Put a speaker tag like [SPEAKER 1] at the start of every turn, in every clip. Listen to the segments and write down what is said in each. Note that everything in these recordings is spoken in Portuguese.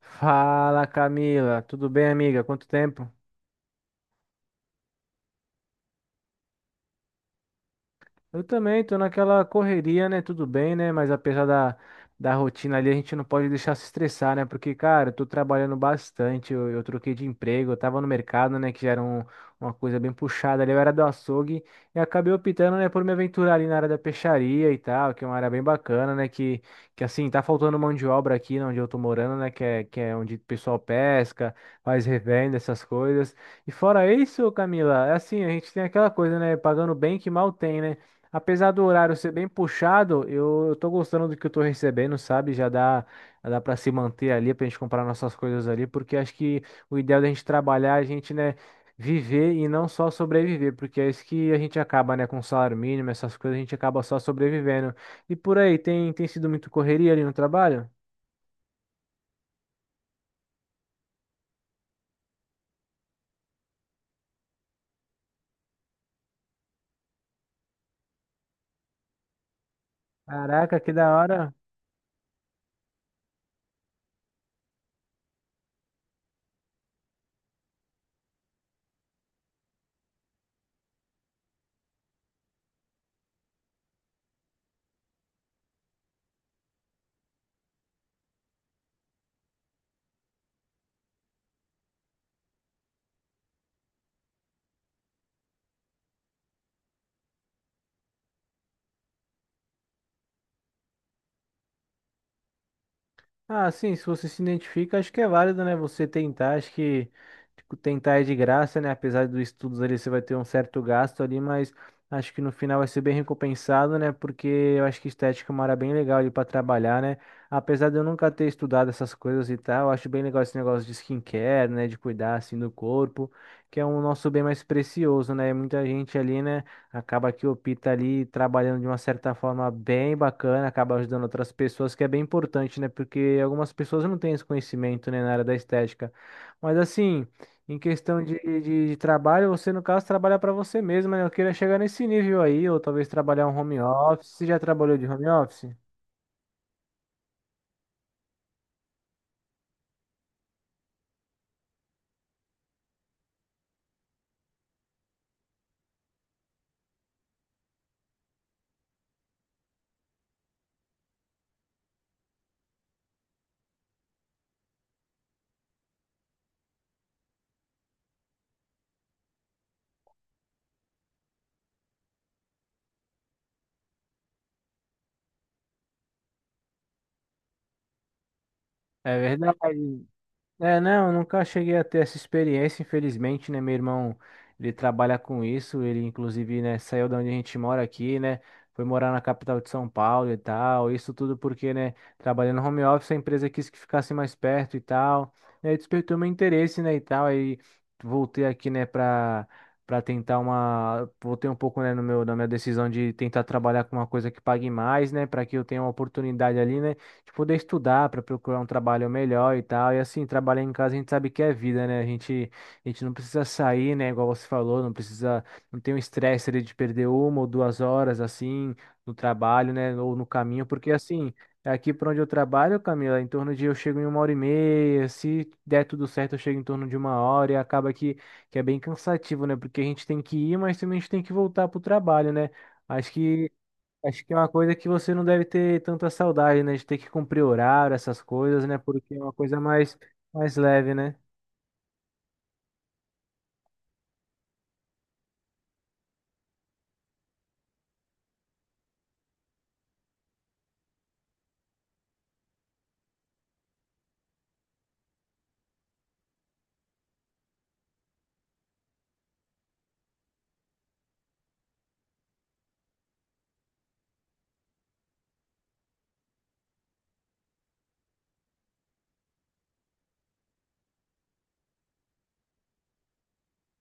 [SPEAKER 1] Fala Camila, tudo bem amiga? Quanto tempo? Eu também tô naquela correria, né? Tudo bem, né? Mas apesar da rotina ali, a gente não pode deixar se estressar, né? Porque, cara, eu tô trabalhando bastante, eu troquei de emprego, eu tava no mercado, né? Que já era uma coisa bem puxada ali, eu era do açougue e acabei optando, né, por me aventurar ali na área da peixaria e tal, que é uma área bem bacana, né? Que assim, tá faltando mão de obra aqui, né, onde eu tô morando, né? Que é onde o pessoal pesca, faz revenda, essas coisas. E fora isso, Camila, é assim, a gente tem aquela coisa, né? Pagando bem que mal tem, né? Apesar do horário ser bem puxado, eu tô gostando do que eu tô recebendo, sabe? Já dá para se manter ali, pra gente comprar nossas coisas ali, porque acho que o ideal da gente trabalhar, é a gente, né, viver e não só sobreviver, porque é isso que a gente acaba, né, com salário mínimo, essas coisas, a gente acaba só sobrevivendo. E por aí, tem sido muito correria ali no trabalho? Caraca, que da hora. Ah, sim, se você se identifica, acho que é válido, né? Você tentar, acho que tipo, tentar é de graça, né? Apesar dos estudos ali, você vai ter um certo gasto ali, mas acho que no final vai ser bem recompensado, né? Porque eu acho que estética é uma área bem legal ali para trabalhar, né? Apesar de eu nunca ter estudado essas coisas e tal, eu acho bem legal esse negócio de skincare, né? De cuidar assim do corpo, que é um nosso bem mais precioso, né? Muita gente ali, né? Acaba que o Pita ali trabalhando de uma certa forma bem bacana, acaba ajudando outras pessoas, que é bem importante, né? Porque algumas pessoas não têm esse conhecimento, né, na área da estética. Mas assim, em questão de trabalho, você no caso trabalha para você mesmo, né? Eu queria chegar nesse nível aí, ou talvez trabalhar um home office. Você já trabalhou de home office? É verdade. É, não, eu nunca cheguei a ter essa experiência, infelizmente, né? Meu irmão, ele trabalha com isso, ele inclusive, né, saiu da onde a gente mora aqui, né? Foi morar na capital de São Paulo e tal. Isso tudo porque, né, trabalhando home office, a empresa quis que ficasse mais perto e tal. E aí despertou meu interesse, né, e tal. Aí voltei aqui, né, pra tentar uma. Voltei um pouco, né, no meu, na minha decisão de tentar trabalhar com uma coisa que pague mais, né, pra que eu tenha uma oportunidade ali, né? De poder estudar para procurar um trabalho melhor e tal. E assim, trabalhar em casa a gente sabe que é vida, né? A gente não precisa sair, né? Igual você falou, não precisa, não tem o estresse ali de perder uma ou duas horas assim no trabalho, né? Ou no caminho, porque assim. Aqui para onde eu trabalho, Camila, em torno de eu chego em uma hora e meia. Se der tudo certo, eu chego em torno de uma hora e acaba que é bem cansativo, né? Porque a gente tem que ir, mas também a gente tem que voltar pro trabalho, né? Acho que Acho que é uma coisa que você não deve ter tanta saudade, né? De ter que cumprir horário, essas coisas, né? Porque é uma coisa mais leve, né?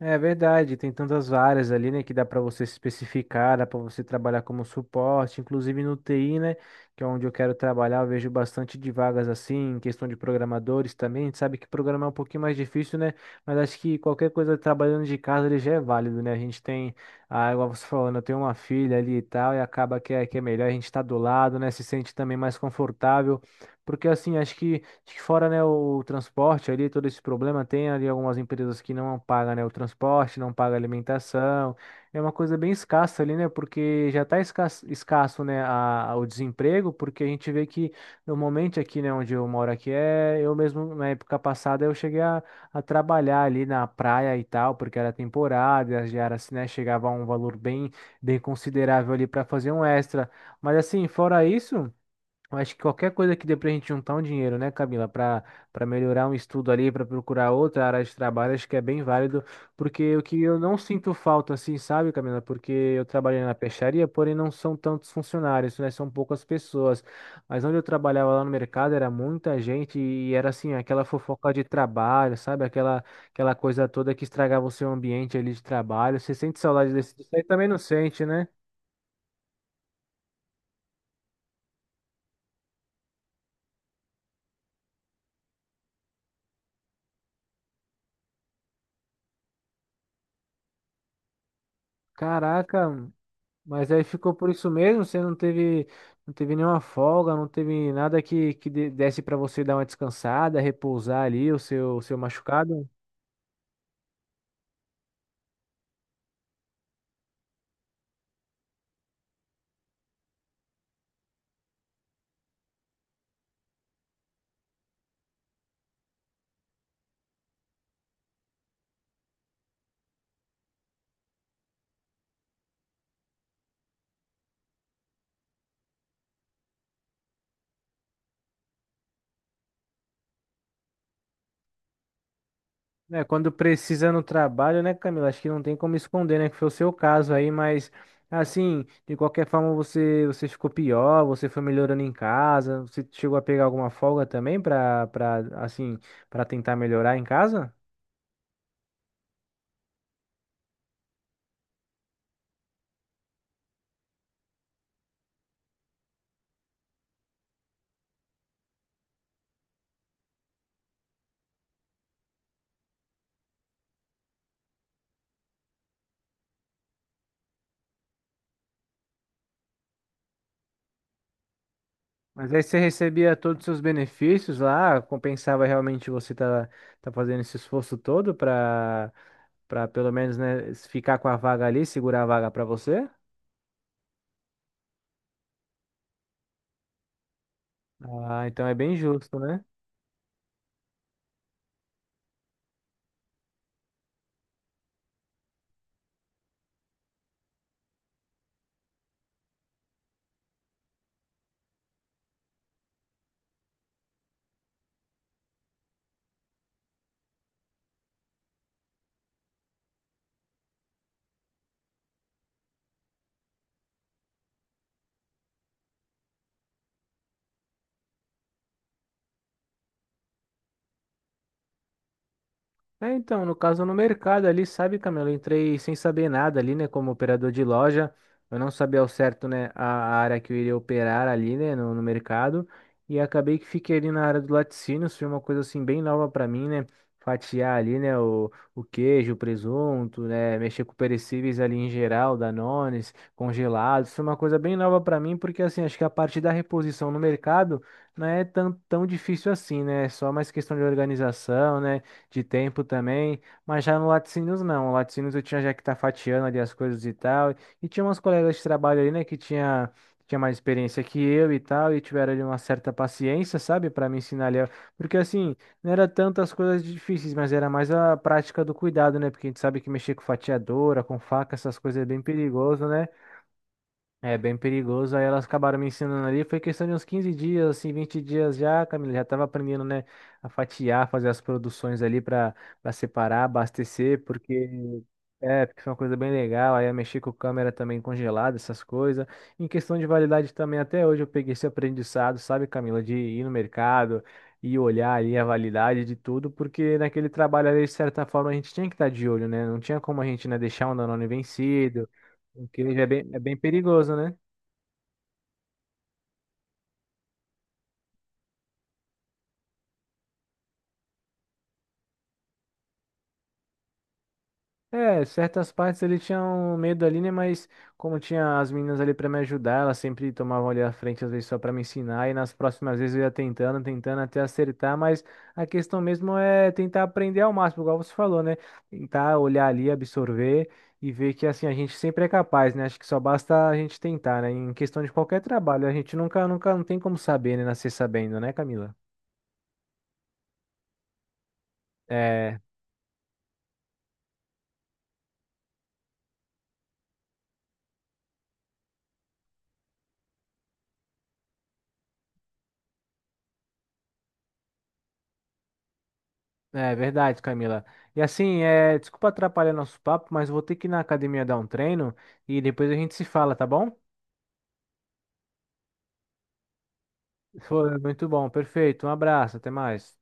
[SPEAKER 1] É verdade, tem tantas áreas ali, né, que dá para você se especificar, dá para você trabalhar como suporte, inclusive no TI, né, que é onde eu quero trabalhar, eu vejo bastante de vagas assim, em questão de programadores também, a gente sabe que programar é um pouquinho mais difícil, né, mas acho que qualquer coisa trabalhando de casa ele já é válido, né, a gente tem, igual você falando, eu tenho uma filha ali e tal, e acaba que é, melhor a gente estar do lado, né, se sente também mais confortável, porque assim, acho que fora, né, o transporte ali, todo esse problema, tem ali algumas empresas que não pagam, né, o transporte, não pagam alimentação. É uma coisa bem escassa ali, né, porque já está escasso, escasso, né, o desemprego, porque a gente vê que normalmente aqui, né, onde eu moro aqui, é, eu mesmo, na época passada, eu cheguei a trabalhar ali na praia e tal, porque era temporada, e as diárias, né, chegava a um valor bem, bem considerável ali para fazer um extra. Mas assim, fora isso. Eu acho que qualquer coisa que dê pra gente juntar um dinheiro, né, Camila, para melhorar um estudo ali, para procurar outra área de trabalho, acho que é bem válido, porque o que eu não sinto falta, assim, sabe, Camila, porque eu trabalhei na peixaria, porém não são tantos funcionários, né, são poucas pessoas, mas onde eu trabalhava lá no mercado era muita gente e era, assim, aquela fofoca de trabalho, sabe, aquela, coisa toda que estragava o seu ambiente ali de trabalho, você sente saudade desse, disso aí também não sente, né? Caraca, mas aí ficou por isso mesmo, você não teve, não teve nenhuma folga, não teve nada que desse para você dar uma descansada, repousar ali o seu machucado. Né, quando precisa no trabalho, né, Camila? Acho que não tem como esconder, né? Que foi o seu caso aí, mas assim, de qualquer forma você ficou pior, você foi melhorando em casa, você chegou a pegar alguma folga também para assim, para tentar melhorar em casa? Mas aí você recebia todos os seus benefícios lá, compensava realmente você tá fazendo esse esforço todo para pelo menos, né, ficar com a vaga ali, segurar a vaga para você? Ah, então é bem justo, né? É, então, no caso, no mercado ali, sabe, Camilo, eu entrei sem saber nada ali, né, como operador de loja, eu não sabia ao certo, né, a área que eu iria operar ali, né, no mercado, e acabei que fiquei ali na área do laticínios, foi uma coisa, assim, bem nova para mim, né, fatiar ali, né, o queijo, o presunto, né, mexer com perecíveis ali em geral, danones, congelados, foi uma coisa bem nova para mim, porque, assim, acho que a parte da reposição no mercado não é tão, tão difícil assim, né, é só mais questão de organização, né, de tempo também, mas já no Laticínios não. O Laticínios eu tinha já que tá fatiando ali as coisas e tal, e tinha umas colegas de trabalho ali, né, que tinha mais experiência que eu e tal, e tiveram ali uma certa paciência, sabe, para me ensinar ali, porque assim, não era tantas coisas difíceis, mas era mais a prática do cuidado, né, porque a gente sabe que mexer com fatiadora, com faca, essas coisas é bem perigoso, né? É bem perigoso. Aí elas acabaram me ensinando ali. Foi questão de uns 15 dias, assim, 20 dias já, Camila. Já tava aprendendo, né, a fatiar, fazer as produções ali para separar, abastecer, porque foi uma coisa bem legal. Aí eu mexi com câmera também congelada, essas coisas. Em questão de validade também, até hoje eu peguei esse aprendizado, sabe, Camila, de ir no mercado e olhar ali a validade de tudo, porque naquele trabalho ali, de certa forma, a gente tinha que estar de olho, né? Não tinha como a gente, né, deixar um Danone vencido, porque ele já é bem perigoso, né? É, certas partes ele tinha um medo ali, né? Mas como tinha as meninas ali pra me ajudar, elas sempre tomavam ali a frente, às vezes só pra me ensinar, e nas próximas vezes eu ia tentando, tentando até acertar, mas a questão mesmo é tentar aprender ao máximo, igual você falou, né? Tentar olhar ali, absorver e ver que assim a gente sempre é capaz, né? Acho que só basta a gente tentar, né? Em questão de qualquer trabalho, a gente nunca, nunca não tem como saber, né? Nascer sabendo, né, Camila? É. É verdade, Camila. E assim, desculpa atrapalhar nosso papo, mas vou ter que ir na academia dar um treino e depois a gente se fala, tá bom? Foi muito bom, perfeito. Um abraço, até mais.